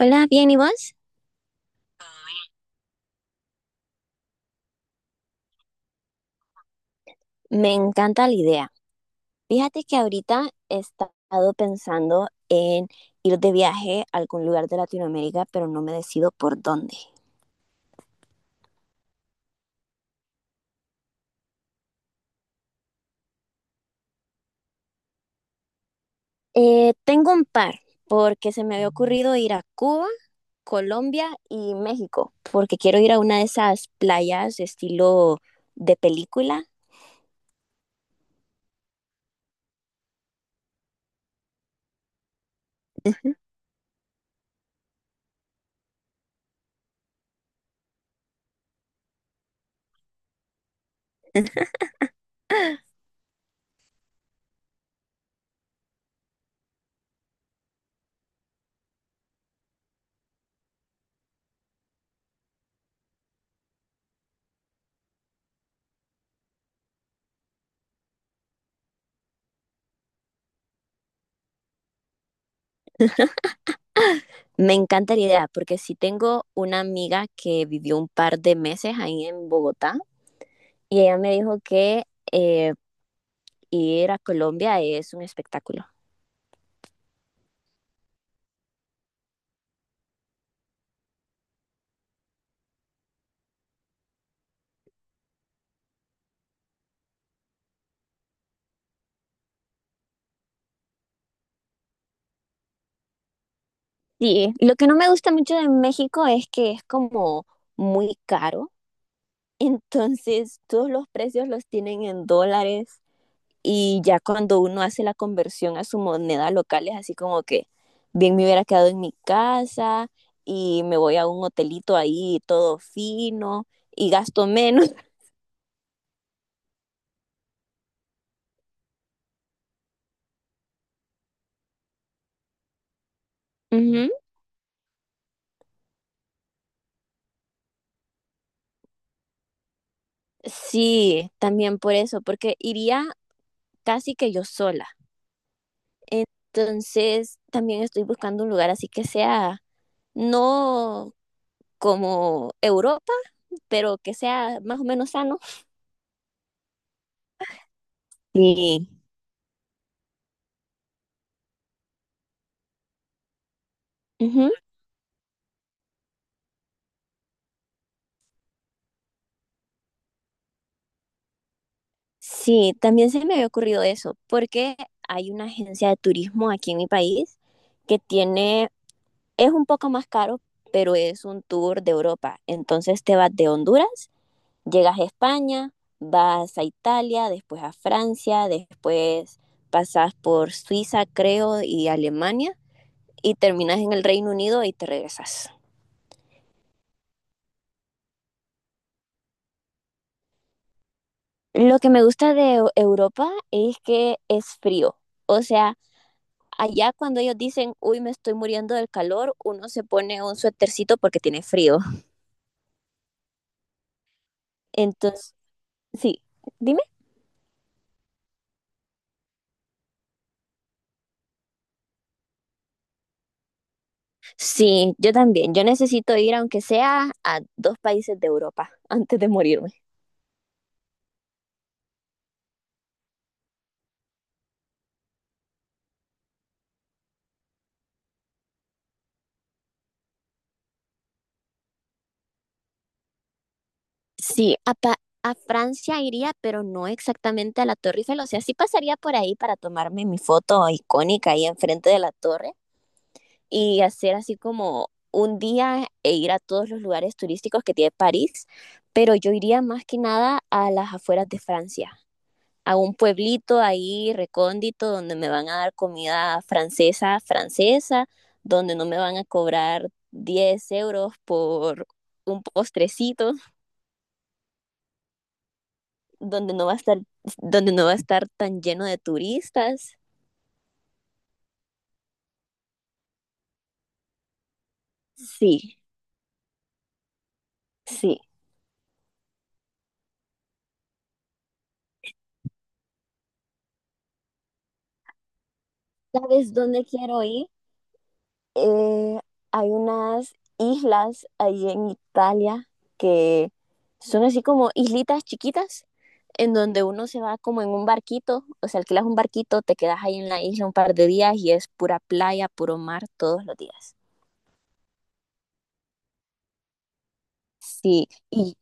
Hola, bien, ¿y vos? Me encanta la idea. Fíjate que ahorita he estado pensando en ir de viaje a algún lugar de Latinoamérica, pero no me decido por dónde. Tengo un par, porque se me había ocurrido ir a Cuba, Colombia y México, porque quiero ir a una de esas playas de estilo de película. Me encanta la idea, porque sí tengo una amiga que vivió un par de meses ahí en Bogotá y ella me dijo que... em, ir a Colombia es un espectáculo. Sí, lo que no me gusta mucho de México es que es como muy caro, entonces todos los precios los tienen en dólares y ya cuando uno hace la conversión a su moneda local es así como que bien me hubiera quedado en mi casa y me voy a un hotelito ahí todo fino y gasto menos. Uh -huh. Sí, también por eso, porque iría casi que yo sola. Entonces, también estoy buscando un lugar así que sea no como Europa, pero que sea más o menos sano. Sí. Ujú. Sí, también se me había ocurrido eso, porque hay una agencia de turismo aquí en mi país que tiene, es un poco más caro, pero es un tour de Europa. Entonces te vas de Honduras, llegas a España, vas a Italia, después a Francia, después pasas por Suiza, creo, y Alemania, y terminas en el Reino Unido y te regresas. Lo que me gusta de Europa es que es frío. O sea, allá cuando ellos dicen, uy, me estoy muriendo del calor, uno se pone un suétercito porque tiene frío. Entonces, sí, dime. Sí, yo también. Yo necesito ir, aunque sea a 2 países de Europa antes de morirme. Sí, a Francia iría, pero no exactamente a la Torre Eiffel. O sea, sí pasaría por ahí para tomarme mi foto icónica ahí enfrente de la torre, y hacer así como un día e ir a todos los lugares turísticos que tiene París, pero yo iría más que nada a las afueras de Francia, a un pueblito ahí recóndito donde me van a dar comida francesa, francesa, donde no me van a cobrar 10 euros por un postrecito, donde no va a estar, donde no va a estar tan lleno de turistas. Sí, sí. ¿Sabes dónde quiero ir? Eh, hay unas islas ahí en Italia que son así como islitas chiquitas en donde uno se va como en un barquito, o sea, alquilas un barquito, te quedas ahí en la isla un par de días y es pura playa, puro mar todos los días. Sí, y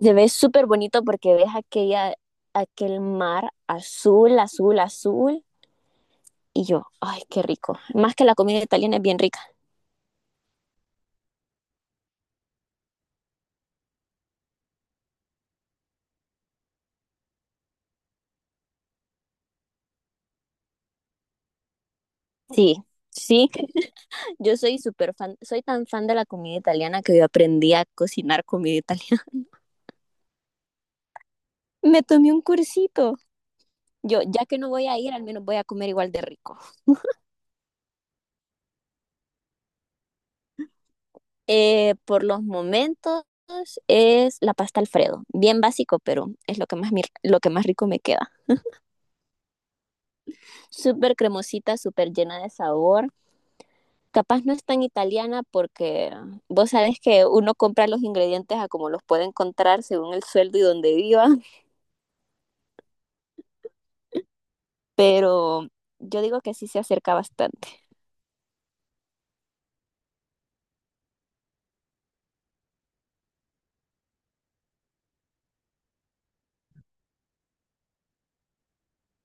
se ve súper bonito porque ves aquella, aquel mar azul, azul, azul, y yo, ay, qué rico. Más que la comida italiana es bien rica. Sí, sí, yo soy súper fan, soy tan fan de la comida italiana que yo aprendí a cocinar comida italiana. Me tomé un cursito. Yo, ya que no voy a ir, al menos voy a comer igual de rico. Por los momentos es la pasta Alfredo. Bien básico, pero es lo que más rico me queda. Súper cremosita, súper llena de sabor. Capaz no es tan italiana porque vos sabés que uno compra los ingredientes a como los puede encontrar según el sueldo y donde viva, pero yo digo que sí se acerca bastante.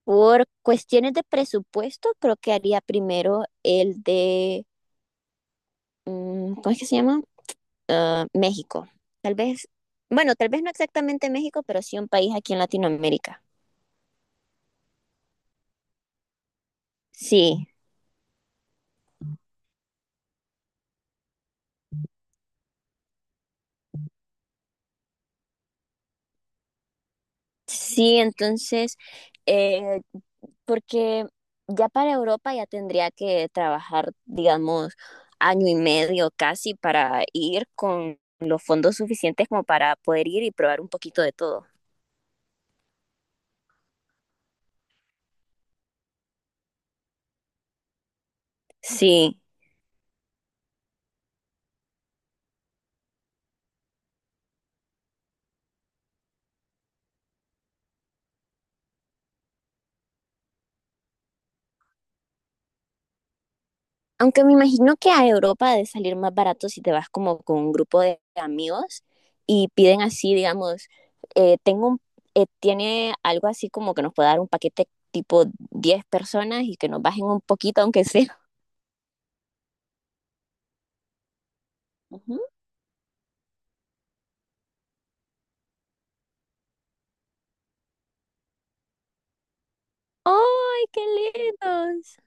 Por cuestiones de presupuesto, creo que haría primero el de, ¿cómo es que se llama? Ah, México. Tal vez, bueno, tal vez no exactamente México, pero sí un país aquí en Latinoamérica. Sí, sí, entonces, eh, porque ya para Europa ya tendría que trabajar, digamos, año y medio casi para ir con los fondos suficientes como para poder ir y probar un poquito de todo. Sí. Aunque me imagino que a Europa ha de salir más barato si te vas como con un grupo de amigos y piden así, digamos, eh, tengo un- tiene algo así como que nos pueda dar un paquete tipo 10 personas y que nos bajen un poquito, aunque sea. Ujú. ¡Ay, qué lindos!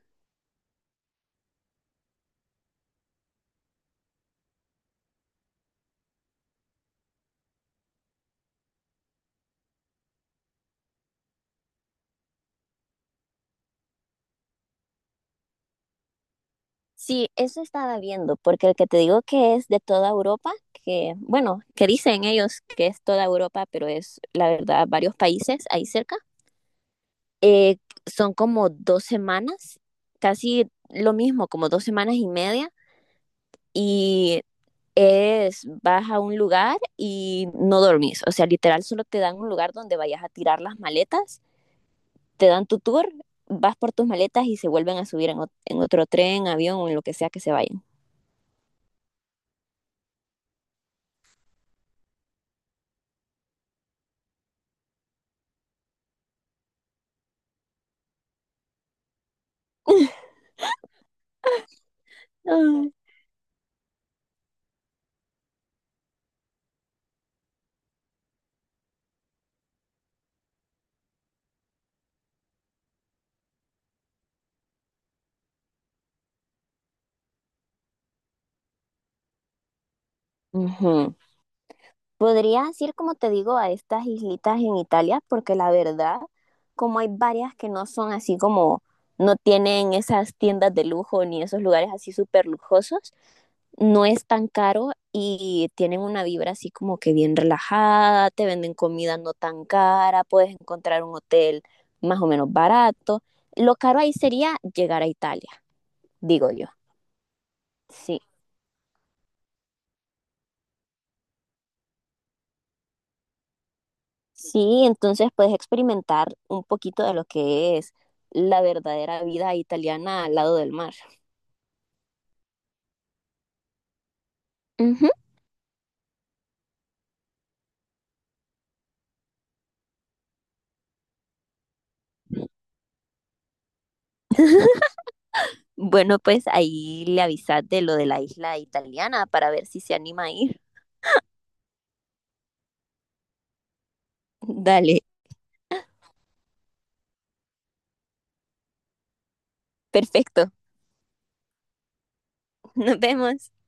Sí, eso estaba viendo, porque el que te digo que es de toda Europa, que bueno, que dicen ellos que es toda Europa, pero es la verdad varios países ahí cerca. Eh, son como 2 semanas, casi lo mismo, como 2 semanas y media. Y es, vas a un lugar y no dormís. O sea, literal, solo te dan un lugar donde vayas a tirar las maletas, te dan tu tour, vas por tus maletas y se vuelven a subir en otro tren, avión o en lo que sea que se vayan. Ah, ujú. Podrías ir, como te digo, a estas islitas en Italia, porque la verdad, como hay varias que no son así como, no tienen esas tiendas de lujo ni esos lugares así súper lujosos, no es tan caro y tienen una vibra así como que bien relajada, te venden comida no tan cara, puedes encontrar un hotel más o menos barato. Lo caro ahí sería llegar a Italia, digo yo. Sí. Sí, entonces puedes experimentar un poquito de lo que es la verdadera vida italiana al lado del mar. Ujú. Bueno, pues ahí le avisas de lo de la isla italiana para ver si se anima a ir. Dale, perfecto. Nos vemos.